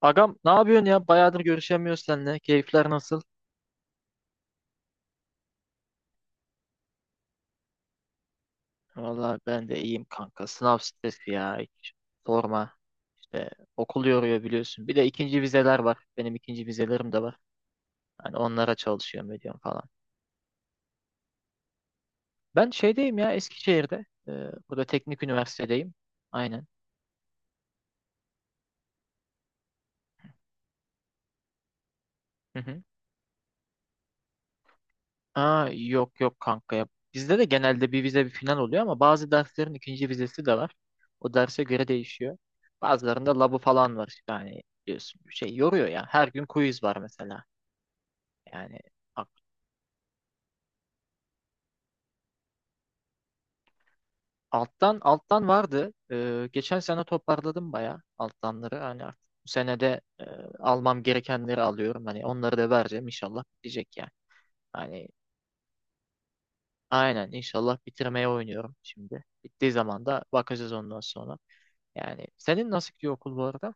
Agam ne yapıyorsun ya? Bayağıdır görüşemiyoruz seninle. Keyifler nasıl? Valla ben de iyiyim kanka. Sınav stresi ya. Hiç sorma. İşte okul yoruyor biliyorsun. Bir de ikinci vizeler var. Benim ikinci vizelerim de var. Hani onlara çalışıyorum ediyorum falan. Ben şeydeyim ya Eskişehir'de. Burada teknik üniversitedeyim. Aynen. Yok yok kanka ya. Bizde de genelde bir vize bir final oluyor ama bazı derslerin ikinci vizesi de var. O derse göre değişiyor. Bazılarında labı falan var işte hani biliyorsun şey yoruyor ya. Her gün quiz var mesela. Yani a- alttan alttan vardı. Geçen sene toparladım bayağı alttanları. Hani artık bu sene de almam gerekenleri alıyorum. Hani onları da vereceğim inşallah bitecek yani. Hani aynen inşallah bitirmeye oynuyorum şimdi. Bittiği zaman da bakacağız ondan sonra. Yani senin nasıl gidiyor okul bu arada?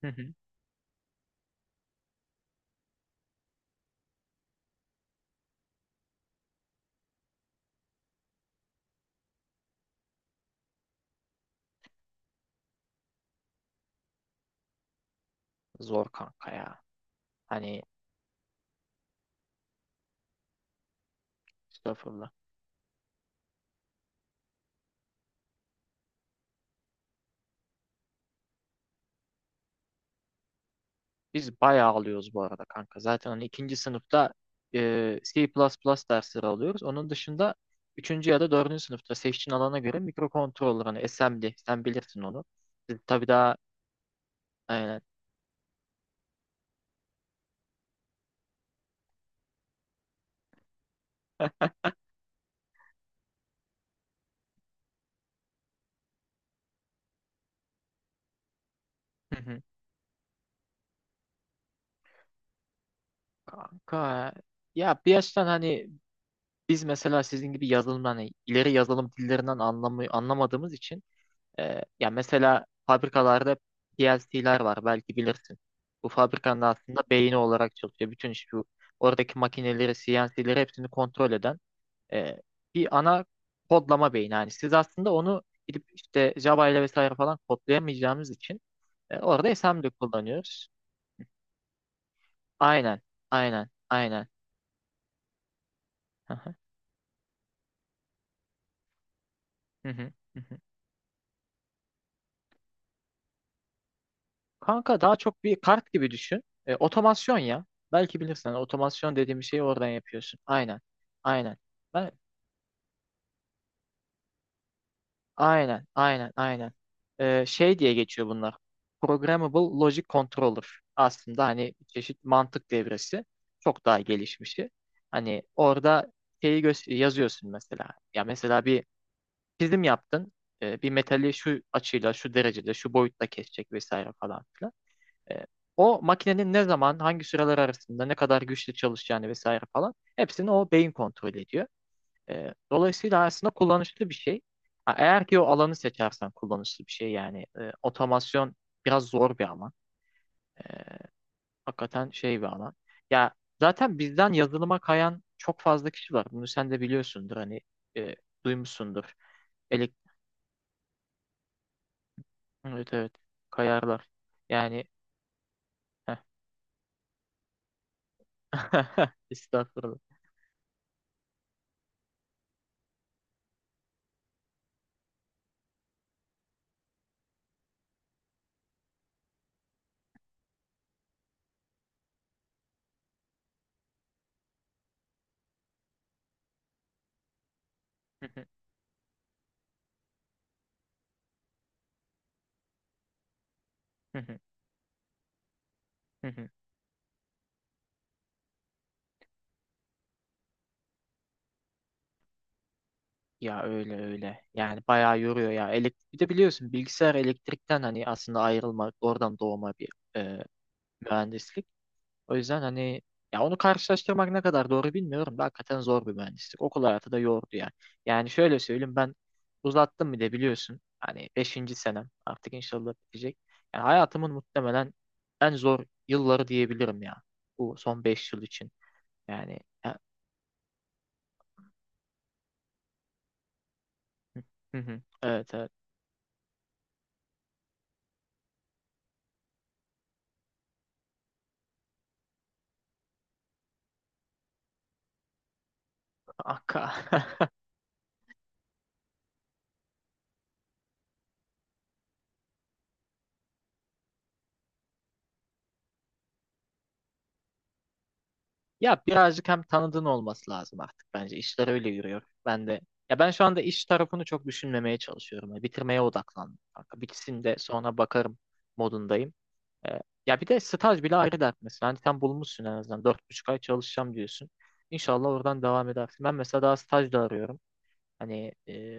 Hı hı. Zor kanka ya. Hani estağfurullah. Biz bayağı alıyoruz bu arada kanka. Zaten hani ikinci sınıfta C++ dersleri alıyoruz. Onun dışında üçüncü ya da dördüncü sınıfta seçtiğin alana göre mikrokontroller hani assembly sen bilirsin onu. Siz tabii daha aynen. Hı hı. Kanka ya bir yaştan hani biz mesela sizin gibi yazılım hani ileri yazılım dillerinden anlamı, anlamadığımız için. Ya mesela fabrikalarda PLC'ler var belki bilirsin. Bu fabrikanın aslında beyni olarak çalışıyor. Bütün iş bu. Oradaki makineleri, CNC'leri hepsini kontrol eden e, bir ana kodlama beyni. Yani siz aslında onu gidip işte Java ile vesaire falan kodlayamayacağımız için orada assembly kullanıyoruz. Aynen, aynen, aynen. Hı hı, hı hı, hı hı. Kanka daha çok bir kart gibi düşün. E, otomasyon ya. Belki bilirsin. Hani otomasyon dediğim şeyi oradan yapıyorsun. Aynen, aynen. Ben aynen, aynen, aynen. Şey diye geçiyor bunlar. Programmable Logic Controller. Aslında hani bir çeşit mantık devresi. Çok daha gelişmişi. Hani orada yazıyorsun mesela. Ya mesela bir çizim yaptın. Bir metali şu açıyla, şu derecede, şu boyutta kesecek vesaire falan filan. Ee, O makinenin ne zaman, hangi süreler arasında, ne kadar güçlü çalışacağını vesaire falan. Hepsini o beyin kontrol ediyor. E, dolayısıyla aslında kullanışlı bir şey. Ha, eğer ki o alanı seçersen kullanışlı bir şey yani otomasyon biraz zor bir alan. E, Hakikaten şey bir alan. Ya zaten bizden yazılıma kayan çok fazla kişi var. Bunu sen de biliyorsundur hani e, duymuşsundur. Elek evet evet kayarlar. Yani heh. Estağfurullah. Hı hı, hı hı, hı hı. Ya öyle öyle. Yani bayağı yoruyor ya. Elektrik bir de biliyorsun bilgisayar elektrikten hani aslında ayrılmak oradan doğma bir e, mühendislik. O yüzden hani ya onu karşılaştırmak ne kadar doğru bilmiyorum da hakikaten zor bir mühendislik. Okul hayatı da yordu yani. Yani şöyle söyleyeyim ben uzattım bir de biliyorsun. Hani 5. senem artık inşallah bitecek. Yani hayatımın muhtemelen en zor yılları diyebilirim ya. Bu son 5 yıl için. Yani ya- Hı hı. Evet evet. Akka. Ya birazcık hem tanıdığın olması lazım artık bence. İşler öyle yürüyor. Ben de ya ben şu anda iş tarafını çok düşünmemeye çalışıyorum. Yani bitirmeye odaklandım, kanka. Bitsin de sonra bakarım modundayım. Ee, Ya bir de staj bile ayrı dert mesela. Hani sen bulmuşsun en azından. 4,5 ay çalışacağım diyorsun. İnşallah oradan devam edersin. Ben mesela daha staj da arıyorum. Hani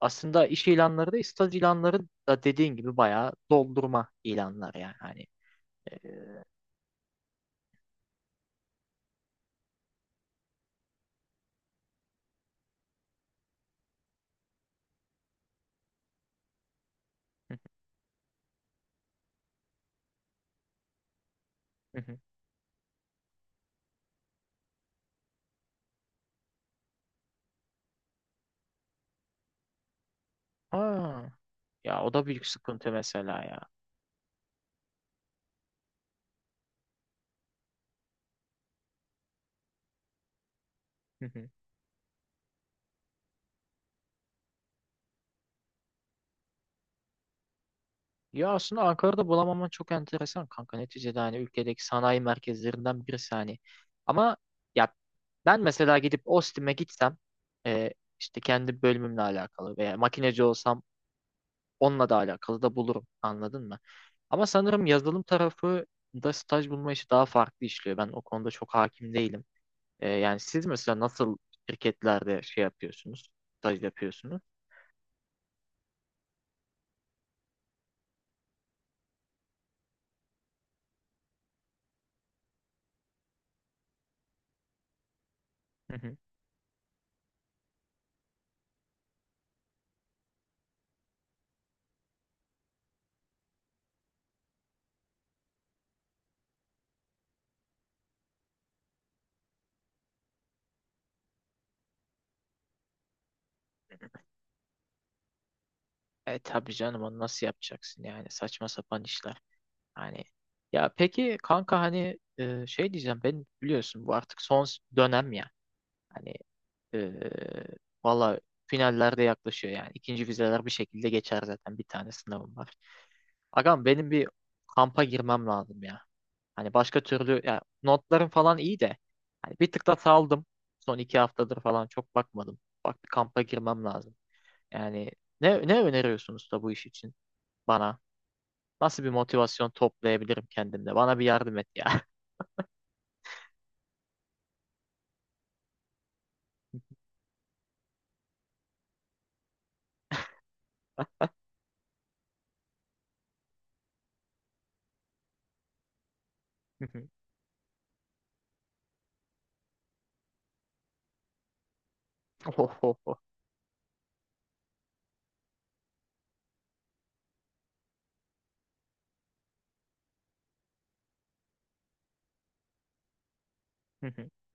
aslında iş ilanları da staj ilanları da dediğin gibi bayağı doldurma ilanlar yani. E, Aa, ya o da büyük sıkıntı mesela ya. Hı hı. Ya aslında Ankara'da bulamaman çok enteresan kanka. Neticede hani ülkedeki sanayi merkezlerinden birisi hani. Ama ya ben mesela gidip Ostim'e gitsem e, işte kendi bölümümle alakalı veya makineci olsam onunla da alakalı da bulurum. Anladın mı? Ama sanırım yazılım tarafı da staj bulma işi daha farklı işliyor. Ben o konuda çok hakim değilim. Yani siz mesela nasıl şirketlerde şey yapıyorsunuz, staj yapıyorsunuz? E tabii canım onu nasıl yapacaksın yani saçma sapan işler. Hani ya peki kanka hani şey diyeceğim ben biliyorsun bu artık son dönem ya. Hani e, valla finallerde yaklaşıyor yani. İkinci vizeler bir şekilde geçer zaten bir tane sınavım var. Agam benim bir kampa girmem lazım ya. Hani başka türlü ya notlarım falan iyi de hani bir tık da saldım. Son iki haftadır falan çok bakmadım. Bak bir kampa girmem lazım. Yani ne öneriyorsunuz da bu iş için bana? Nasıl bir motivasyon toplayabilirim kendimde? Bana bir yardım et ya. Ohoho.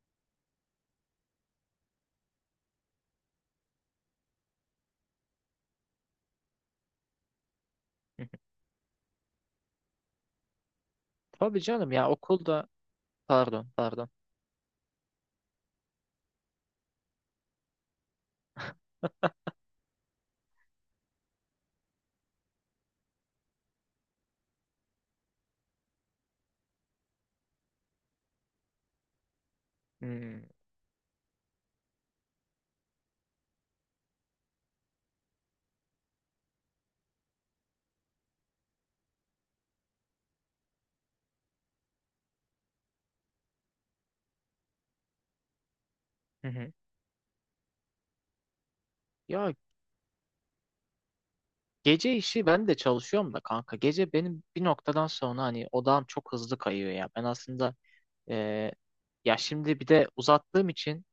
Tabii canım ya okulda pardon pardon. Hmm. Hı hı. Ya gece işi ben de çalışıyorum da kanka. Gece benim bir noktadan sonra hani odağım çok hızlı kayıyor ya. Ben aslında e, ya şimdi bir de uzattığım için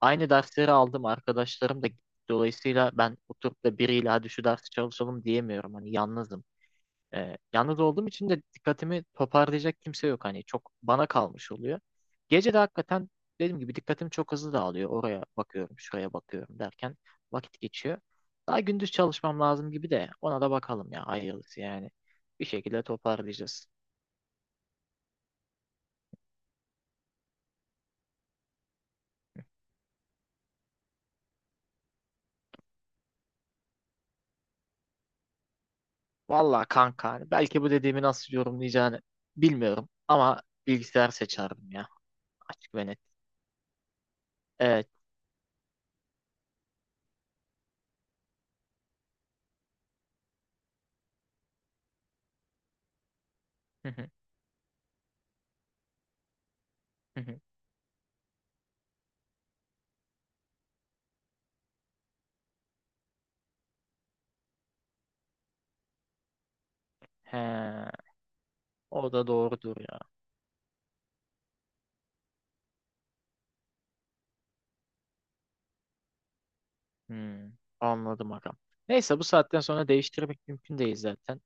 aynı dersleri aldım arkadaşlarım da gitti. Dolayısıyla ben oturup da biriyle hadi şu dersi çalışalım diyemiyorum. Hani yalnızım. Yalnız olduğum için de dikkatimi toparlayacak kimse yok. Hani çok bana kalmış oluyor. Gece de hakikaten dediğim gibi dikkatim çok hızlı dağılıyor. Oraya bakıyorum, şuraya bakıyorum derken vakit geçiyor. Daha gündüz çalışmam lazım gibi de ona da bakalım ya hayırlısı yani. Bir şekilde toparlayacağız. Vallahi kanka hani belki bu dediğimi nasıl yorumlayacağını bilmiyorum ama bilgisayar seçerdim ya açık ve net. Evet. Hı hı, hı hı. He, o da doğrudur ya. Hmm, anladım agam. Neyse bu saatten sonra değiştirmek mümkün değil zaten.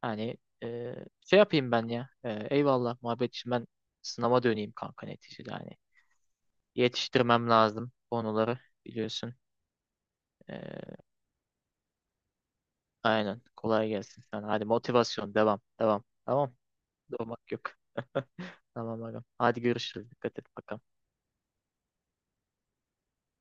Hani e, şey yapayım ben ya. E, eyvallah muhabbet için ben sınava döneyim kanka neticede. Hani yetiştirmem lazım konuları biliyorsun. E, aynen kolay gelsin sana. Hadi motivasyon devam devam. Tamam durmak yok. Tamam agam. Hadi görüşürüz. Dikkat et bakalım.